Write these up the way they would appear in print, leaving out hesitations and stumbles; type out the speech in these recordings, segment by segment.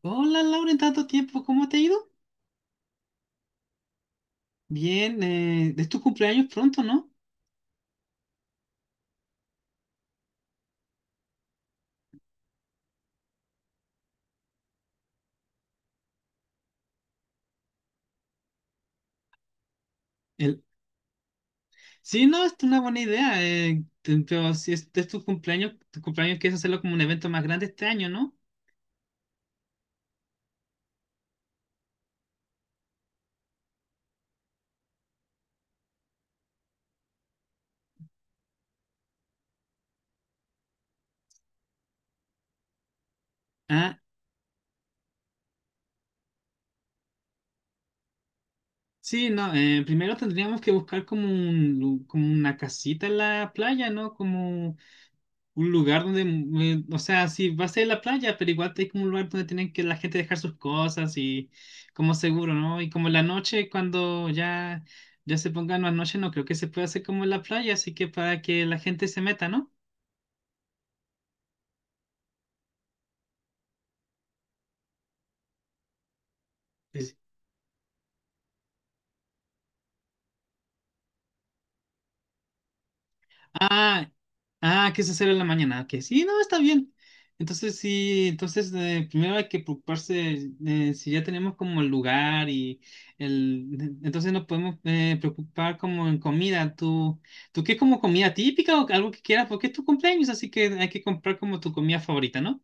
Hola Laura, en tanto tiempo, ¿cómo te ha ido? Bien, es tu cumpleaños pronto, ¿no? El... Sí, no, es una buena idea, pero si es tu cumpleaños, quieres hacerlo como un evento más grande este año, ¿no? Ah, sí, no, primero tendríamos que buscar como un como una casita en la playa, ¿no? Como un lugar donde, o sea, sí, va a ser la playa, pero igual hay como un lugar donde tienen que la gente dejar sus cosas y como seguro, ¿no? Y como en la noche, cuando ya se pongan las noches, no creo que se pueda hacer como en la playa, así que para que la gente se meta, ¿no? Es- Ah. ¿Qué es hacer en la mañana? Que sí, no, está bien. Entonces sí, entonces primero hay que preocuparse, si ya tenemos como el lugar y entonces nos podemos, preocupar como en comida. ¿Tú qué como comida típica o algo que quieras? Porque es tu cumpleaños, así que hay que comprar como tu comida favorita, ¿no?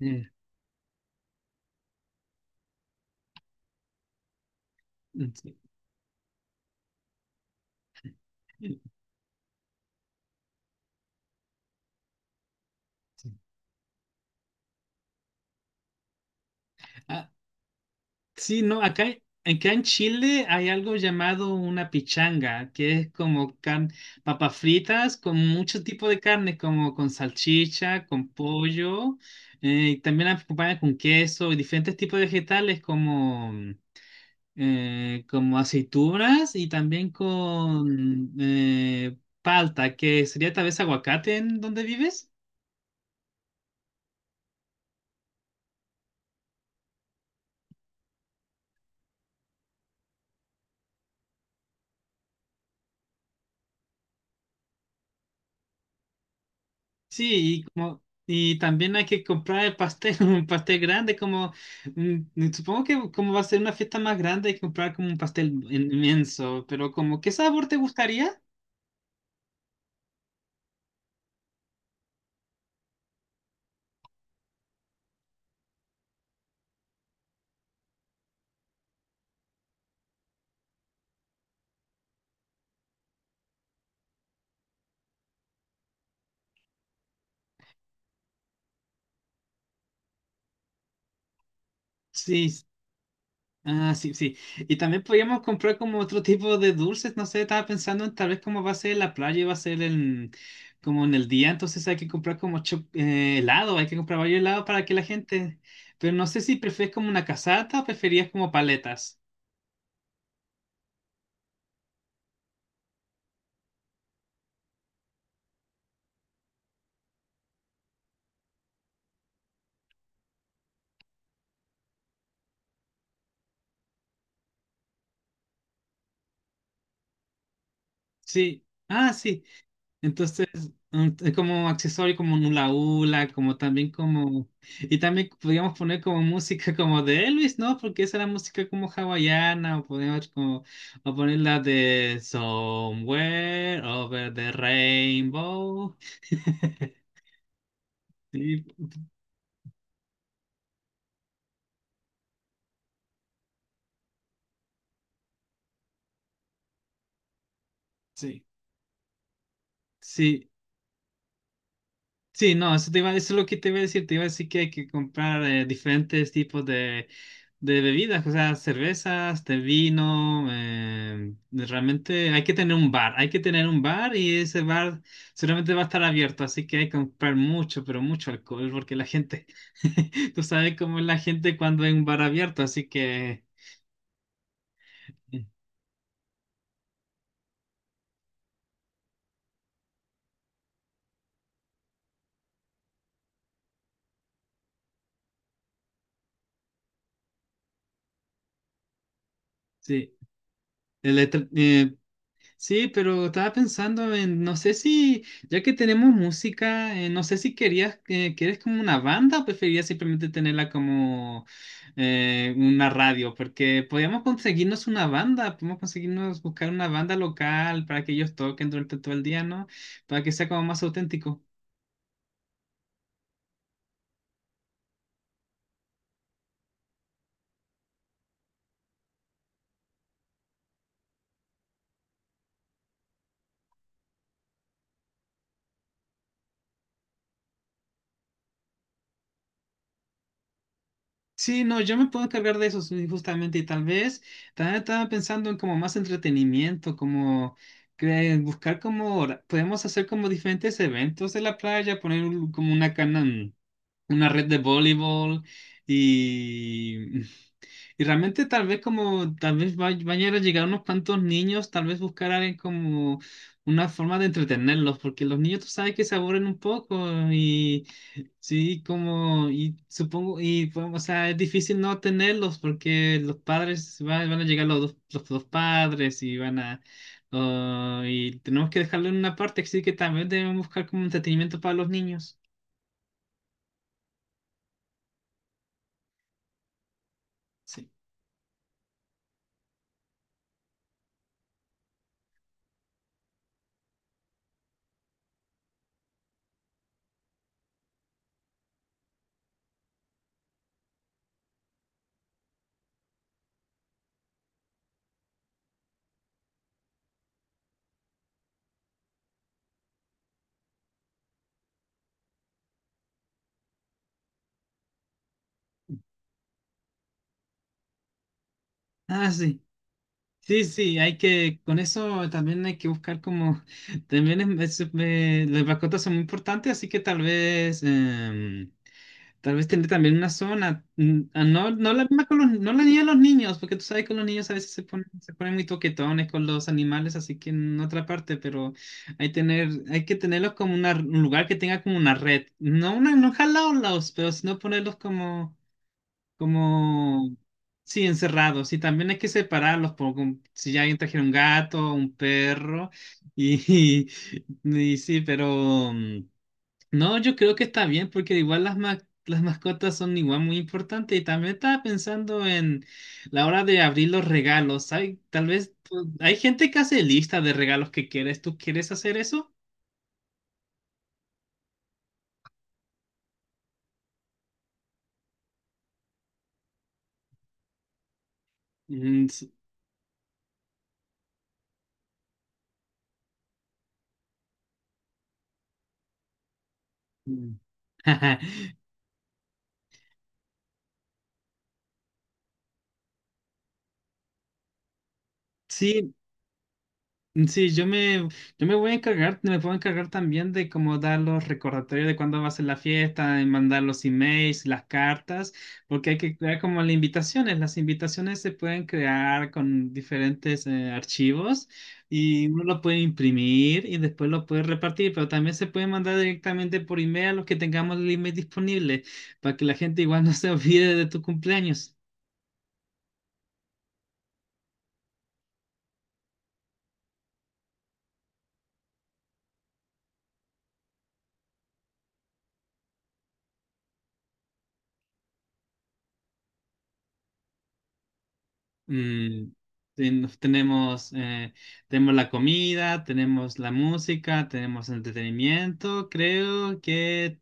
Mm, mm, sí. Sí. Sí, no, acá en Chile hay algo llamado una pichanga, que es como papas fritas con mucho tipo de carne, como con salchicha, con pollo, y también las acompañan con queso y diferentes tipos de vegetales como, como aceitunas y también con palta, que sería tal vez aguacate en donde vives. Sí, y como y también hay que comprar el pastel, un pastel grande como, supongo que como va a ser una fiesta más grande hay que comprar como un pastel inmenso, pero como qué sabor te gustaría? Sí, ah, sí, sí. Y también podríamos comprar como otro tipo de dulces, no sé, estaba pensando en tal vez, como va a ser la playa y va a ser en como en el día, entonces hay que comprar como helado, hay que comprar varios helados para que la gente, pero no sé si prefieres como una casata o preferías como paletas. Sí. Ah, sí. Entonces, es como accesorio como un hula hula, como también como... Y también podríamos poner como música como de Elvis, ¿no? Porque esa era música como hawaiana, o podemos como... O poner la de Somewhere Over the Rainbow. Sí, sí, sí. Sí, no, eso, eso es lo que te iba a decir. Te iba a decir que hay que comprar, diferentes tipos de bebidas, o sea, cervezas, de vino. Realmente hay que tener un bar, hay que tener un bar y ese bar seguramente va a estar abierto, así que hay que comprar mucho, pero mucho alcohol, porque la gente, tú sabes cómo es la gente cuando hay un bar abierto, así que eh, sí. El, Sí, pero estaba pensando en, no sé si, ya que tenemos música, no sé si querías, quieres como una banda o preferirías simplemente tenerla como una radio, porque podríamos conseguirnos una banda, podemos conseguirnos buscar una banda local para que ellos toquen durante todo el día, ¿no? Para que sea como más auténtico. Sí, no, yo me puedo encargar de eso sí, justamente, y tal vez también estaba pensando en como más entretenimiento, como buscar como podemos hacer como diferentes eventos de la playa, poner como una cana, una red de voleibol, y y realmente tal vez, como tal vez vayan a llegar unos cuantos niños, tal vez buscar a alguien como una forma de entretenerlos, porque los niños tú sabes que se aburren un poco. Sí, como, y supongo, y bueno, o sea, es difícil no tenerlos porque los padres van, a llegar los dos padres y van a, oh, y tenemos que dejarlo en una parte, así que también debemos buscar como entretenimiento para los niños. Sí. Ah, sí. Sí, sí, hay que, con eso también hay que buscar como, también las mascotas son muy importantes, así que tal vez, tal vez tener también una zona, ah, no, no la misma con los, no la ni a los niños, porque tú sabes que los niños a veces se ponen muy toquetones con los animales, así que en otra parte, pero hay, tener, hay que tenerlos como un lugar que tenga como una red, no una, no jalarlos, pero sino ponerlos como, como, sí, encerrados, y también hay que separarlos, si ya alguien trajera un gato, un perro, y, y sí, pero... no, yo creo que está bien porque igual las las mascotas son igual muy importantes, y también estaba pensando en la hora de abrir los regalos. Hay, tal vez hay gente que hace lista de regalos que quieres. ¿Tú quieres hacer eso? Mm, mm. Sí, sí, yo me voy a encargar, me puedo encargar también de como dar los recordatorios de cuándo va a ser la fiesta, de mandar los emails, las cartas, porque hay que crear como las invitaciones. Las invitaciones se pueden crear con diferentes, archivos, y uno lo puede imprimir y después lo puede repartir, pero también se puede mandar directamente por email a los que tengamos el email disponible, para que la gente igual no se olvide de tu cumpleaños. Mm, tenemos, la comida, tenemos la música, tenemos entretenimiento. Creo que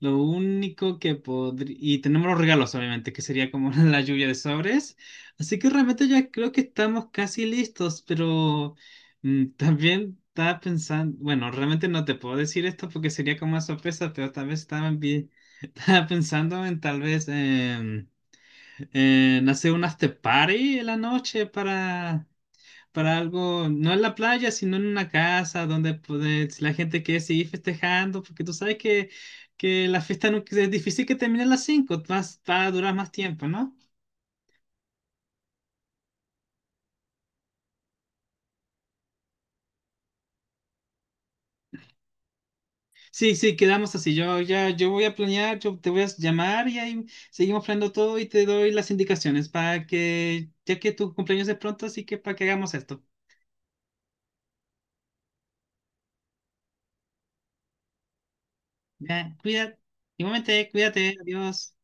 lo único que podría... Y tenemos los regalos, obviamente, que sería como la lluvia de sobres. Así que realmente ya creo que estamos casi listos, pero también estaba pensando... Bueno, realmente no te puedo decir esto porque sería como una sorpresa, pero tal vez estaba, estaba pensando en tal vez... en hacer un after party en la noche, para algo, no en la playa, sino en una casa donde si la gente quiere seguir festejando, porque tú sabes que, la fiesta es difícil que termine a las 5 más, va a durar más tiempo, ¿no? Sí, sí, quedamos así. Yo voy a planear, yo te voy a llamar y ahí seguimos planeando todo y te doy las indicaciones para que, ya que tu cumpleaños es pronto, así que para que hagamos esto. Ya, cuídate, igualmente, cuídate, adiós.